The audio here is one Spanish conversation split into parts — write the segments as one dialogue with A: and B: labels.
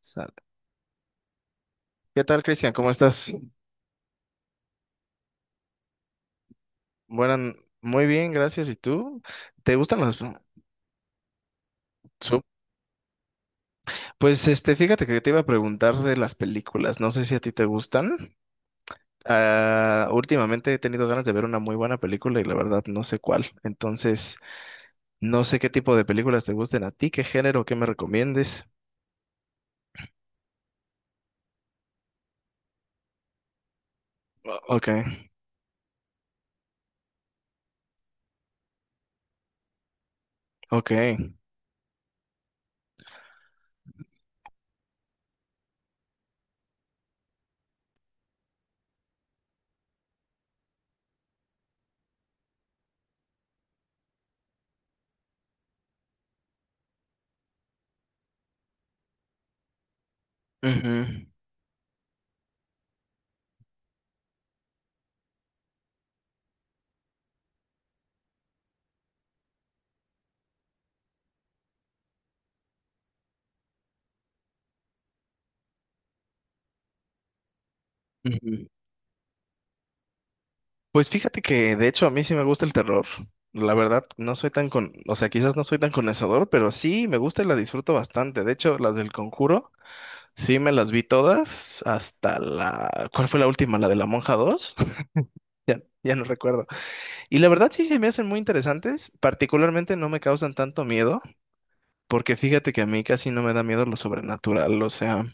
A: Sale. ¿Qué tal, Cristian? ¿Cómo estás? Buenas, muy bien, gracias. ¿Y tú? ¿Te gustan las... su- Pues fíjate que te iba a preguntar de las películas. No sé si a ti te gustan. Últimamente he tenido ganas de ver una muy buena película y la verdad no sé cuál. Entonces, no sé qué tipo de películas te gusten a ti, qué género, qué me recomiendes. Ok, ok. Ujú, ujú. Pues fíjate que de hecho a mí sí me gusta el terror. La verdad, no soy tan con, o sea, quizás no soy tan conocedor, pero sí me gusta y la disfruto bastante. De hecho, las del Conjuro, sí me las vi todas hasta la, ¿cuál fue la última? ¿La de la Monja dos, ya no recuerdo. Y la verdad sí se me hacen muy interesantes, particularmente no me causan tanto miedo, porque fíjate que a mí casi no me da miedo lo sobrenatural, o sea,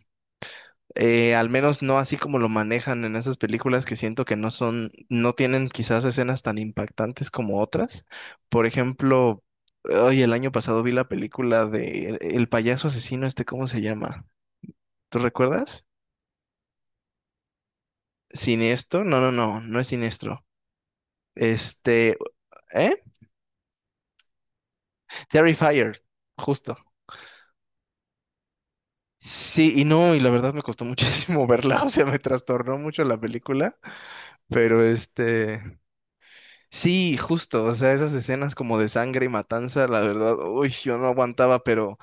A: Al menos no así como lo manejan en esas películas que siento que no son, no tienen quizás escenas tan impactantes como otras. Por ejemplo, hoy el año pasado vi la película de el payaso asesino, ¿cómo se llama? ¿Tú recuerdas? ¿Siniestro? No, no, no, no es siniestro. Este, ¿eh? Terrifier, justo. Sí, y no, y la verdad me costó muchísimo verla, o sea, me trastornó mucho la película, pero sí, justo, o sea, esas escenas como de sangre y matanza, la verdad, uy, yo no aguantaba, pero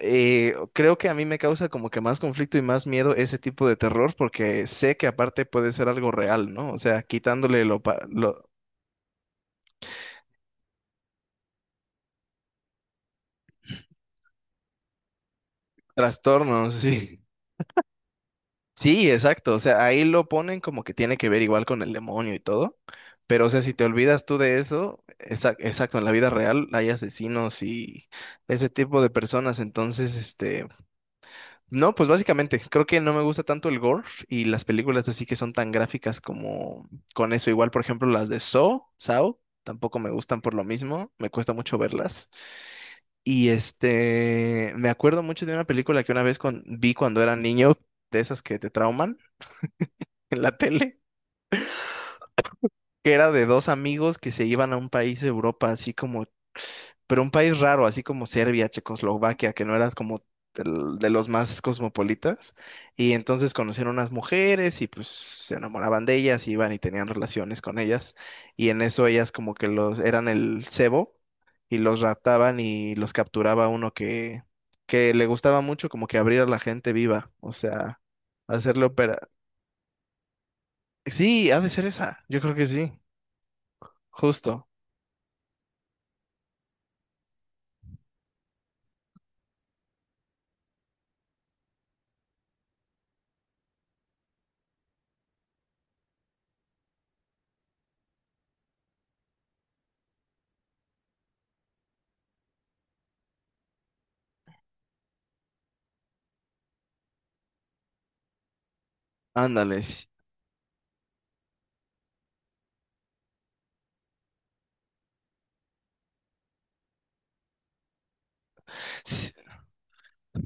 A: creo que a mí me causa como que más conflicto y más miedo ese tipo de terror, porque sé que aparte puede ser algo real, ¿no? O sea, quitándole lo trastornos, sí. Sí, exacto, o sea, ahí lo ponen como que tiene que ver igual con el demonio y todo, pero o sea, si te olvidas tú de eso, exacto, en la vida real hay asesinos y ese tipo de personas, entonces, este... No, pues básicamente, creo que no me gusta tanto el gore y las películas así que son tan gráficas como con eso. Igual, por ejemplo, las de Saw, tampoco me gustan por lo mismo, me cuesta mucho verlas. Y me acuerdo mucho de una película que una vez vi cuando era niño, de esas que te trauman en la tele, que era de dos amigos que se iban a un país de Europa así como pero un país raro, así como Serbia, Checoslovaquia, que no era como de los más cosmopolitas. Y entonces conocieron unas mujeres y pues se enamoraban de ellas, iban y tenían relaciones con ellas. Y en eso ellas como que los eran el cebo y los raptaban y los capturaba uno que le gustaba mucho como que abrir a la gente viva, o sea, hacerle opera. Sí, ha de ser esa, yo creo que sí, justo. Ándales.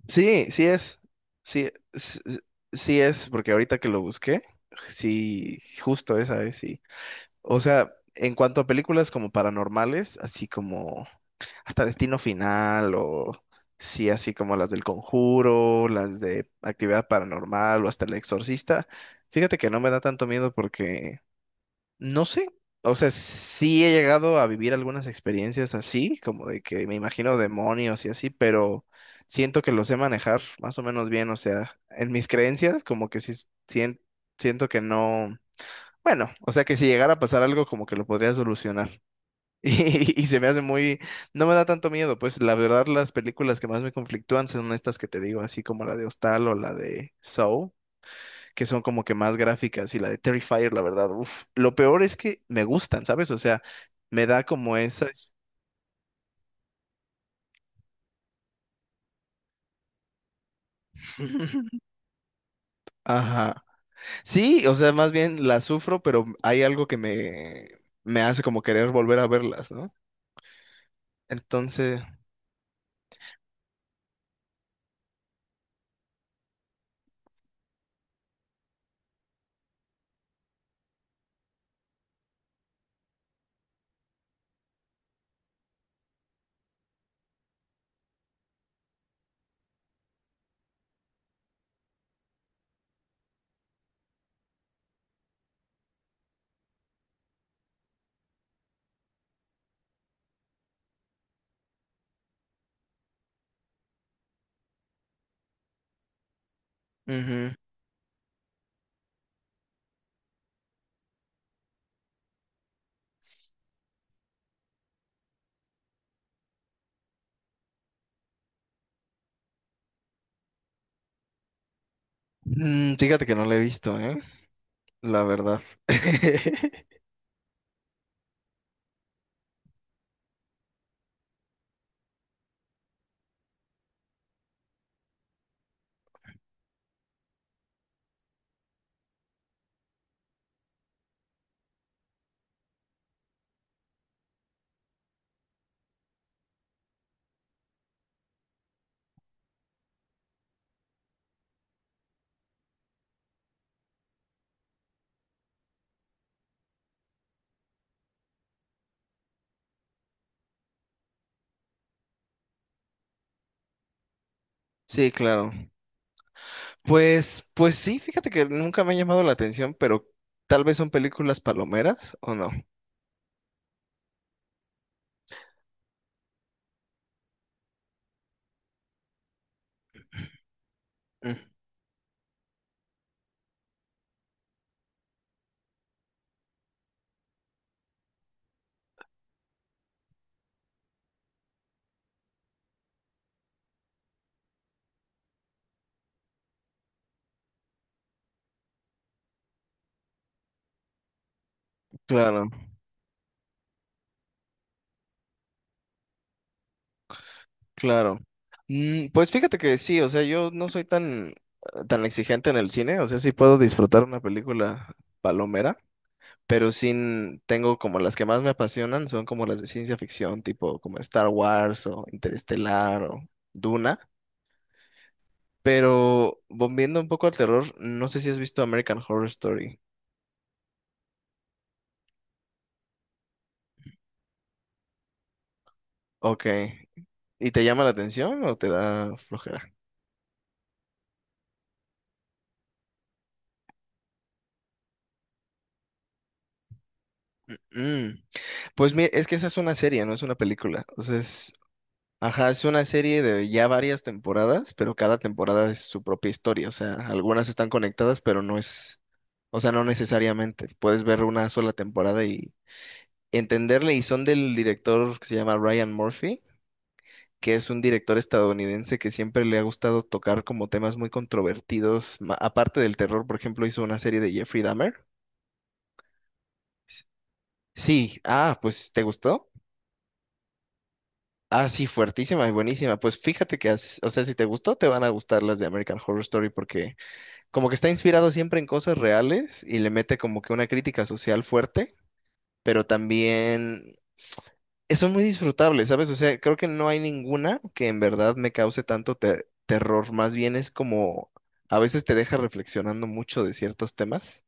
A: Sí, sí es. Sí, sí es, porque ahorita que lo busqué, sí, justo esa es, sí. O sea, en cuanto a películas como paranormales, así como hasta Destino Final o sí, así como las del Conjuro, las de Actividad Paranormal o hasta El Exorcista, fíjate que no me da tanto miedo porque no sé, o sea, sí he llegado a vivir algunas experiencias así, como de que me imagino demonios y así, pero siento que los sé manejar más o menos bien, o sea, en mis creencias como que sí sien- siento que no, bueno, o sea que si llegara a pasar algo como que lo podría solucionar. Y se me hace muy, no me da tanto miedo, pues la verdad las películas que más me conflictúan son estas que te digo, así como la de Hostal o la de Saw que son como que más gráficas y la de Terrifier, la verdad, uf, lo peor es que me gustan, ¿sabes? O sea, me da como esa... Ajá. Sí, o sea, más bien la sufro, pero hay algo que me hace como querer volver a verlas, ¿no? Entonces, ujú. Mm, fíjate que no la he visto, ¿eh? La verdad. Sí, claro. Pues sí, fíjate que nunca me ha llamado la atención, pero tal vez son películas palomeras o no. Mm, claro. Claro. Mm, pues fíjate que sí, o sea, yo no soy tan, tan exigente en el cine, o sea, sí puedo disfrutar una película palomera, pero sin, tengo como las que más me apasionan son como las de ciencia ficción, tipo como Star Wars o Interestelar o Duna, pero volviendo un poco al terror, no sé si has visto American Horror Story. Ok. ¿Y te llama la atención o te da flojera? Mm, pues es que esa es una serie, no es una película. O sea, es ajá, es una serie de ya varias temporadas, pero cada temporada es su propia historia. O sea, algunas están conectadas, pero no es, o sea, no necesariamente. Puedes ver una sola temporada y entenderle. Y son del director que se llama Ryan Murphy, que es un director estadounidense que siempre le ha gustado tocar como temas muy controvertidos. Aparte del terror, por ejemplo, hizo una serie de Jeffrey Dahmer. S- Sí, ah, pues, ¿te gustó? Ah, sí, fuertísima y buenísima. Pues fíjate que, o sea, si te gustó, te van a gustar las de American Horror Story porque como que está inspirado siempre en cosas reales y le mete como que una crítica social fuerte, pero también son muy disfrutables, ¿sabes? O sea, creo que no hay ninguna que en verdad me cause tanto terror, más bien es como a veces te deja reflexionando mucho de ciertos temas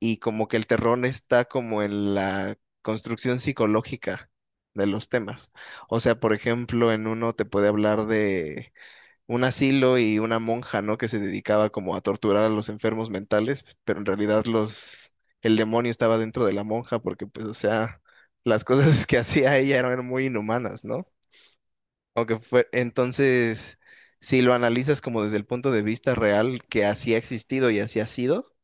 A: y como que el terror está como en la construcción psicológica de los temas. O sea, por ejemplo, en uno te puede hablar de un asilo y una monja, ¿no? Que se dedicaba como a torturar a los enfermos mentales, pero en realidad el demonio estaba dentro de la monja porque, pues, o sea, las cosas que hacía ella eran muy inhumanas, ¿no? Aunque fue, entonces, si lo analizas como desde el punto de vista real que así ha existido y así ha sido,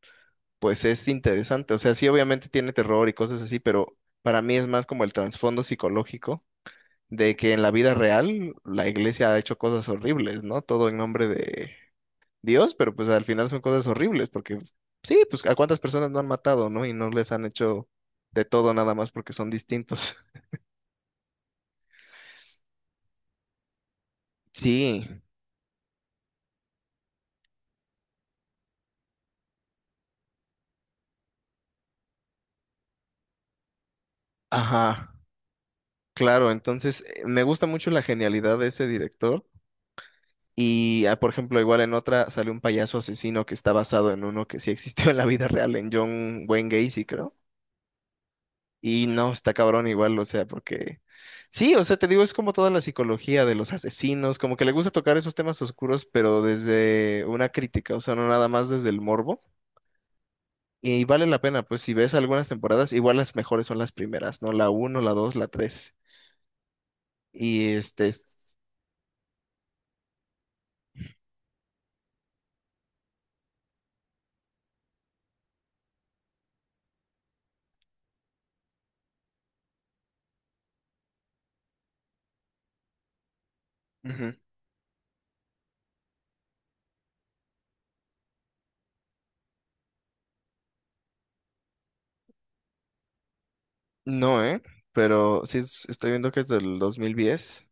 A: pues es interesante. O sea, sí, obviamente tiene terror y cosas así, pero para mí es más como el trasfondo psicológico de que en la vida real la iglesia ha hecho cosas horribles, ¿no? Todo en nombre de Dios, pero pues al final son cosas horribles, porque sí, pues a cuántas personas no han matado, ¿no? Y no les han hecho de todo nada más porque son distintos. Sí, ajá, claro, entonces me gusta mucho la genialidad de ese director. Y, ah, por ejemplo, igual en otra sale un payaso asesino que está basado en uno que sí existió en la vida real, en John Wayne Gacy, creo. Y no, está cabrón igual, o sea, porque sí, o sea, te digo, es como toda la psicología de los asesinos, como que le gusta tocar esos temas oscuros, pero desde una crítica, o sea, no nada más desde el morbo. Y vale la pena, pues si ves algunas temporadas, igual las mejores son las primeras, ¿no? La uno, la dos, la tres. Y este... ujú. No, ¿eh? Pero sí, estoy viendo que es del 2010.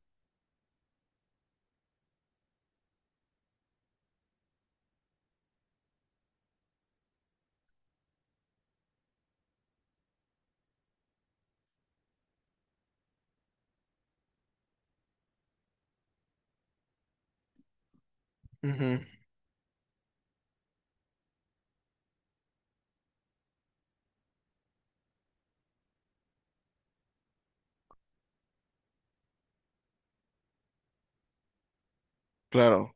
A: Ujú. Claro,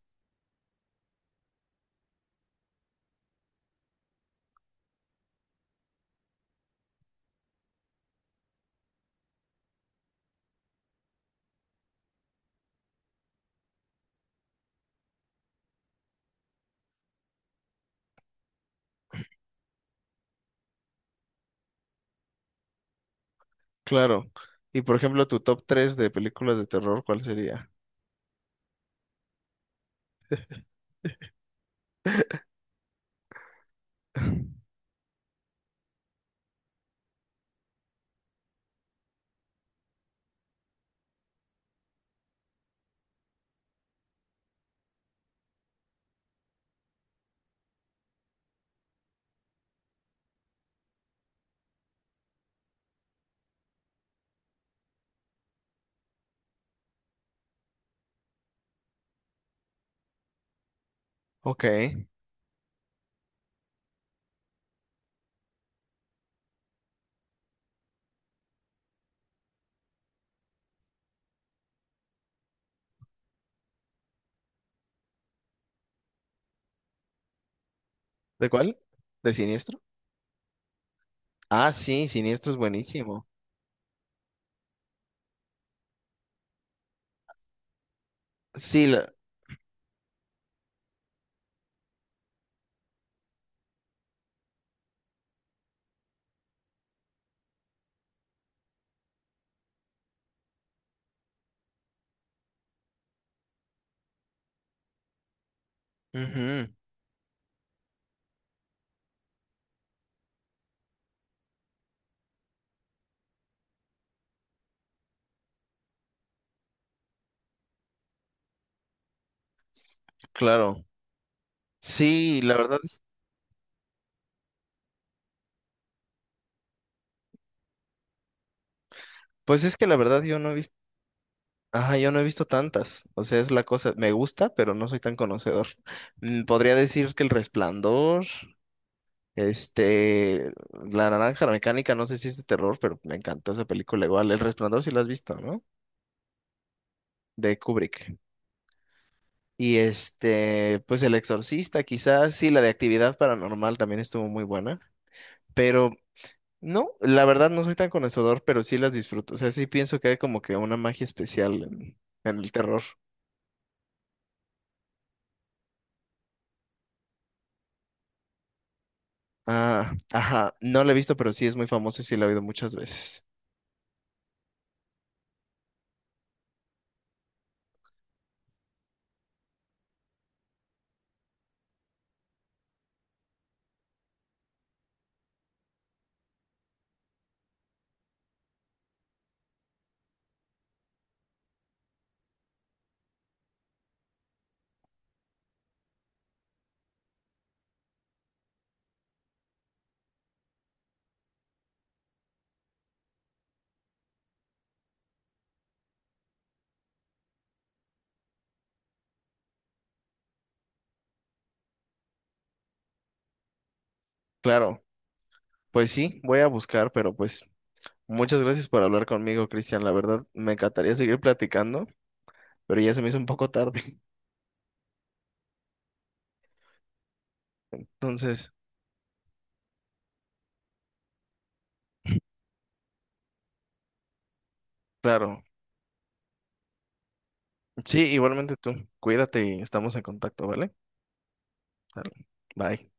A: claro. Y por ejemplo, tu top 3 de películas de terror, ¿cuál sería? Ok. ¿De cuál? ¿De Siniestro? Ah, sí, Siniestro es buenísimo. Sí, la... ujú, claro. Sí, la verdad es... pues es que la verdad yo no he visto... Ajá, yo no he visto tantas. O sea, es la cosa... me gusta, pero no soy tan conocedor. Mm, podría decir que El Resplandor, este... La Naranja Mecánica, no sé si es de terror, pero me encantó esa película igual. El Resplandor sí la has visto, ¿no? De Kubrick. Y este... pues El Exorcista, quizás. Sí, la de Actividad Paranormal también estuvo muy buena. Pero no, la verdad no soy tan conocedor, pero sí las disfruto. O sea, sí pienso que hay como que una magia especial en el terror. Ah, ajá, no la he visto, pero sí es muy famosa y sí la he oído muchas veces. Claro, pues sí, voy a buscar, pero pues muchas gracias por hablar conmigo, Cristian. La verdad, me encantaría seguir platicando, pero ya se me hizo un poco tarde. Entonces, claro, sí, igualmente tú. Cuídate y estamos en contacto, ¿vale? Claro. Bye.